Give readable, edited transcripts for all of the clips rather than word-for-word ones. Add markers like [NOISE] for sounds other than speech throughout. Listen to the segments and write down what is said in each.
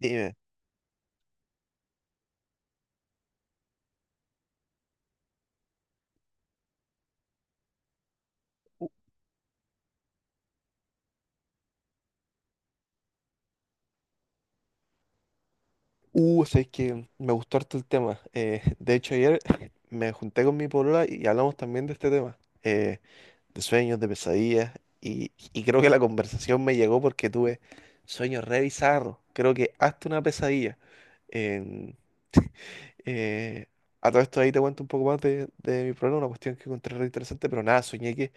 Dime. Sabes que me gustó harto el tema. De hecho, ayer [LAUGHS] me junté con mi polola y hablamos también de este tema, de sueños, de pesadillas, y creo que la conversación me llegó porque tuve sueños re bizarros. Creo que hasta una pesadilla. En- eh, a todo esto ahí te cuento un poco más de mi problema, una cuestión que encontré re interesante, pero nada, soñé que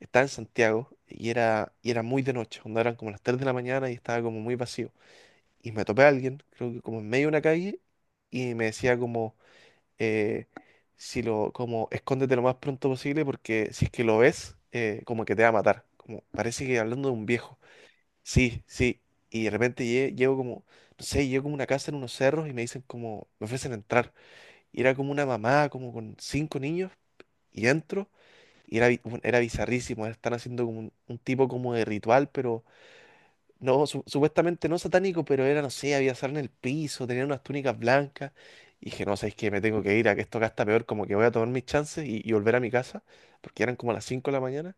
estaba en Santiago y era muy de noche, cuando eran como las 3 de la mañana y estaba como muy vacío. Y me topé a alguien, creo que como en medio de una calle, y me decía como, eh, si lo, como, escóndete lo más pronto posible porque si es que lo ves, como que te va a matar. Como, parece que hablando de un viejo. Sí, sí. Y de repente llego como, no sé, llego como a una casa en unos cerros y me dicen como, me ofrecen entrar. Y era como una mamá, como con cinco niños, y entro, y era, bueno, era bizarrísimo. Están haciendo como un tipo como de ritual, pero no, supuestamente no satánico, pero era, no sé, había sal en el piso, tenían unas túnicas blancas. Y dije, no, sabéis que me tengo que ir, a que esto acá está peor, como que voy a tomar mis chances y volver a mi casa, porque eran como las 5 de la mañana.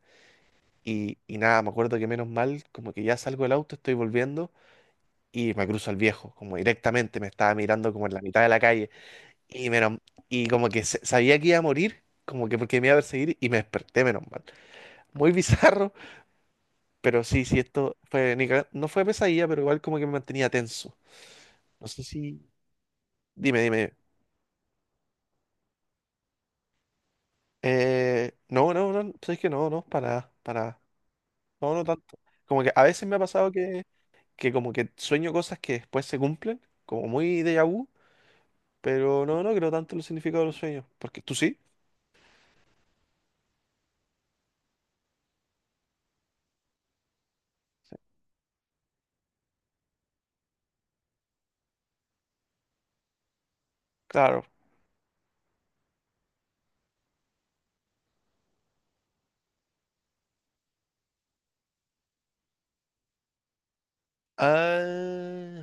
Y nada, me acuerdo que menos mal, como que ya salgo del auto, estoy volviendo y me cruzo al viejo, como directamente me estaba mirando como en la mitad de la calle. Y, menos, y como que sabía que iba a morir, como que porque me iba a perseguir y me desperté, menos mal. Muy [LAUGHS] bizarro, pero sí, sí, esto fue, ni caga- no fue pesadilla, pero igual como que me mantenía tenso. No sé si. Dime, dime. No, no, no, sabes que no, no, para nada, para nada. No, no tanto. Como que a veces me ha pasado que como que sueño cosas que después se cumplen, como muy déjà vu, pero no, no creo tanto en el significado de los sueños. ¿Porque tú sí? Sí, claro. Ah,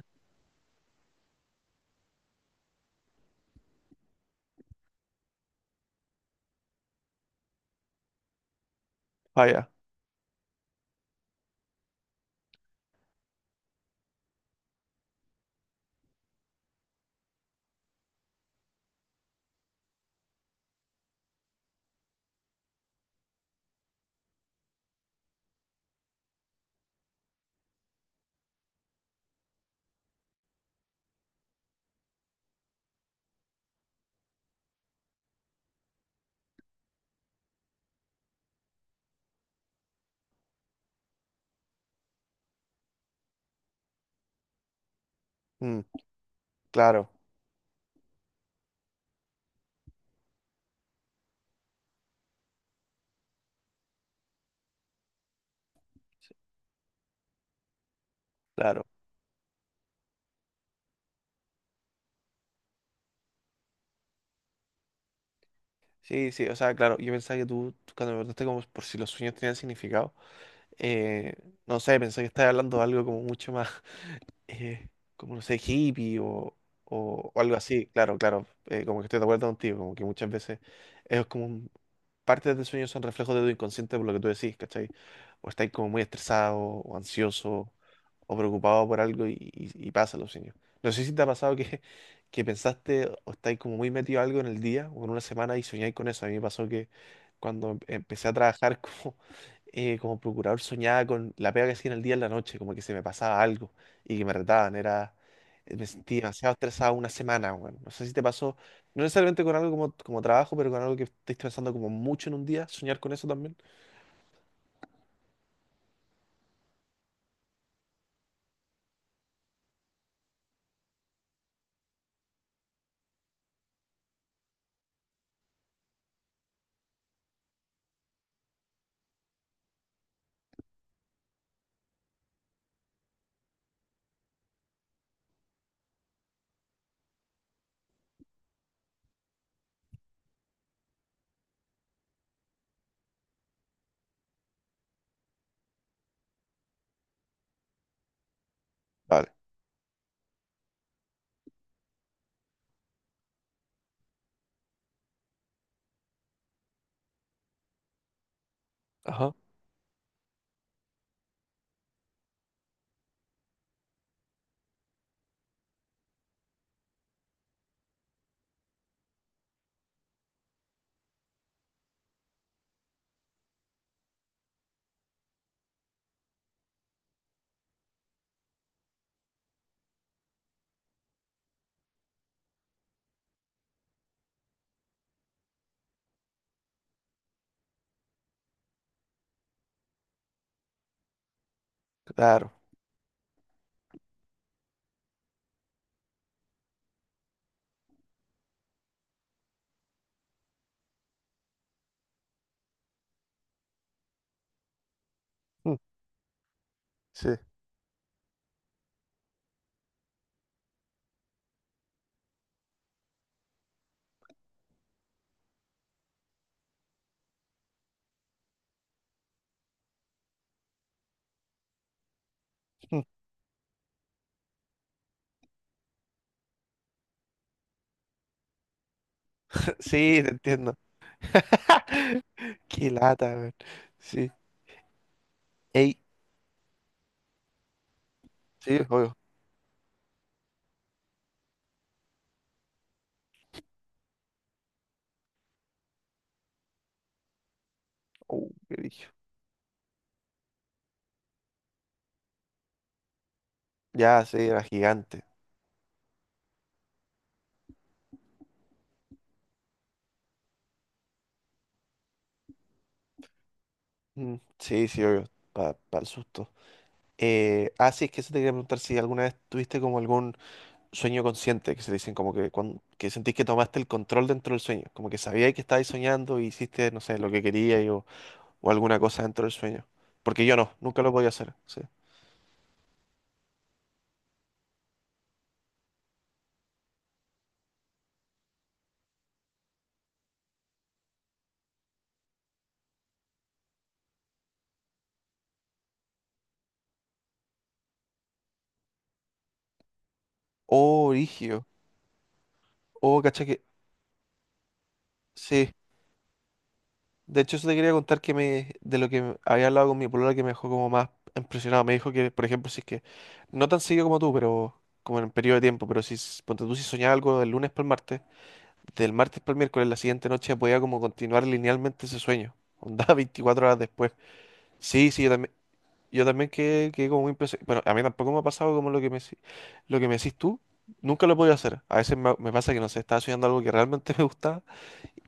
vaya. Mm, claro, claro. Sí, sí, o sea, claro, yo pensaba que tú, cuando me preguntaste como por si los sueños tenían significado, eh, no sé, pensé que estabas hablando de algo como mucho más. eh, Como no sé, hippie o, o algo así, claro, claro, como que estoy de acuerdo contigo, como que muchas veces es partes del sueño son reflejos de tu inconsciente por lo que tú decís, ¿cachai? O estáis como muy estresado, o ansioso, o preocupado por algo y pasa los sueños. No sé si te ha pasado que, [LAUGHS] que pensaste o estáis como muy metido algo en el día o en una semana y soñáis con eso. A mí me pasó que cuando empecé a trabajar [LAUGHS] como, como procurador soñaba con la pega que hacía en el día y en la noche, como que se me pasaba algo y que me retaban. Me sentí demasiado estresado una semana, weón. No sé si te pasó no necesariamente con algo como, como trabajo, pero con algo que estés pensando como mucho en un día, soñar con eso también. Vale. Ajá. Claro. Mm, sí. Mm. [LAUGHS] Sí, te entiendo. [LAUGHS] Qué lata, weón. Sí. Ey. Sí, obvio. Oh, qué brillo. Ya, sí, era gigante. Mm, sí, sí, obvio. Para el susto. Ah, sí, es que eso te quería preguntar si alguna vez tuviste como algún sueño consciente, que se dicen como que, que sentís que tomaste el control dentro del sueño, como que sabías que estabais soñando y hiciste, no sé, lo que querías o alguna cosa dentro del sueño. Porque yo no, nunca lo podía hacer. Sí. Oh, rígido. Oh, cacha que. Sí. De hecho, eso te quería contar que me, de lo que había hablado con mi polola que me dejó como más impresionado. Me dijo que, por ejemplo, si es que, no tan seguido como tú, pero como en un periodo de tiempo, pero si, ponte tú, si soñaba algo del lunes para el martes, del martes para el miércoles, la siguiente noche podía como continuar linealmente ese sueño. Onda [LAUGHS] 24 horas después. Sí, sí, yo también. Yo también quedé, quedé como muy impresionado. Bueno, a mí tampoco me ha pasado como lo que me, lo que me decís tú. Nunca lo he podido hacer. A veces me, me pasa que, no sé, estaba soñando algo que realmente [LAUGHS] me gustaba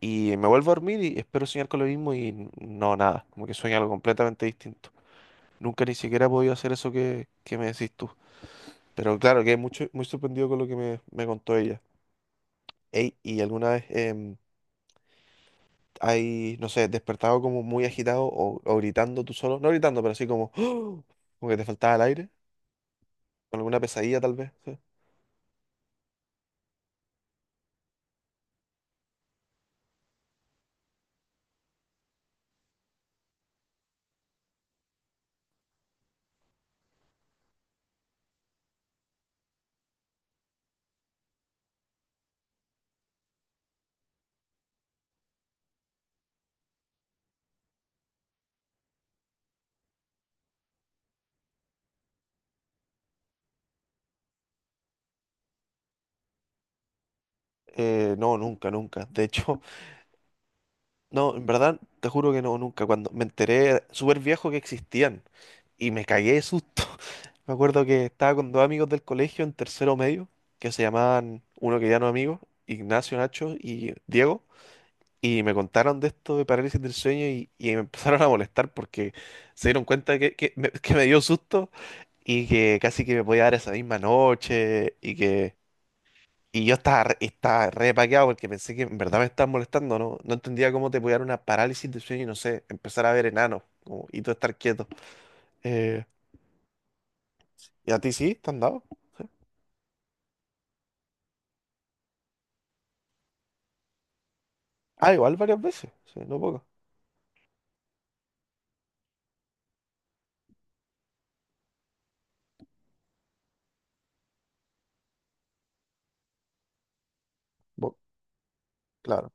y me vuelvo a dormir y espero soñar con lo mismo y no, nada. Como que sueño algo completamente distinto. Nunca ni siquiera he podido hacer eso que me decís tú. Pero claro, quedé mucho, muy sorprendido con lo que me contó ella. Ey, ¿y alguna vez hay, no sé, despertado como muy agitado o, gritando tú solo? No gritando, pero así como, [GASPS] como que te faltaba el aire. Con alguna pesadilla tal vez. Sí. No, nunca, nunca. De hecho, [LAUGHS] no, en verdad, te juro que no, nunca. Cuando me enteré súper viejo que existían y me cagué de susto. [LAUGHS] Me acuerdo que estaba con dos amigos del colegio en tercero medio, que se llamaban, uno que ya no es amigo, Ignacio, Nacho y Diego, y me contaron de esto de parálisis del sueño y me [LAUGHS] empezaron a molestar porque se dieron cuenta que, que me dio susto y que casi que me podía dar esa misma noche y que. Y yo estaba, estaba re paqueado porque pensé que en verdad me estaban molestando, ¿no? No entendía cómo te podía dar una parálisis de sueño y no sé, empezar a ver enanos como- y tú estar quieto. Eh, ¿Y a ti sí? ¿Te han dado? Ah, igual varias veces. Sí, no poco. Bo- claro.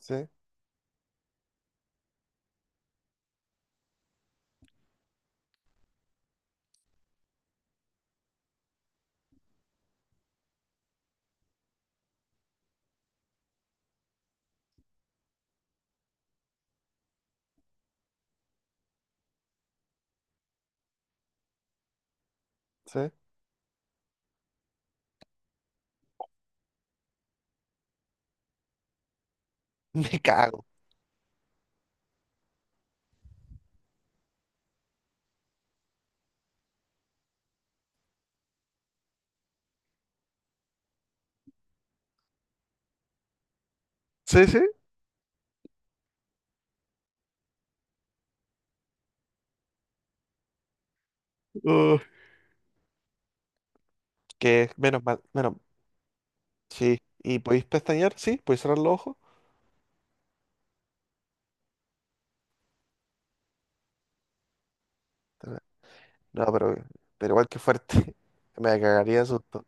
Sí, sí. [LAUGHS] Me cago. Sí, sí. Uh, que menos mal, menos. Sí. ¿Y podéis pestañear? Sí, podéis cerrar los ojos. No, pero igual que fuerte. [LAUGHS] Me cagaría de susto.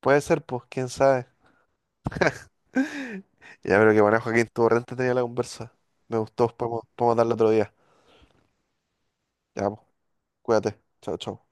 Puede ser, pues, quién sabe. Ya, pero que bueno, Joaquín, estuvo re entretenida la conversa. Me gustó, podemos, podemos darle otro día. Ya, pues, cuídate. Chao, chao.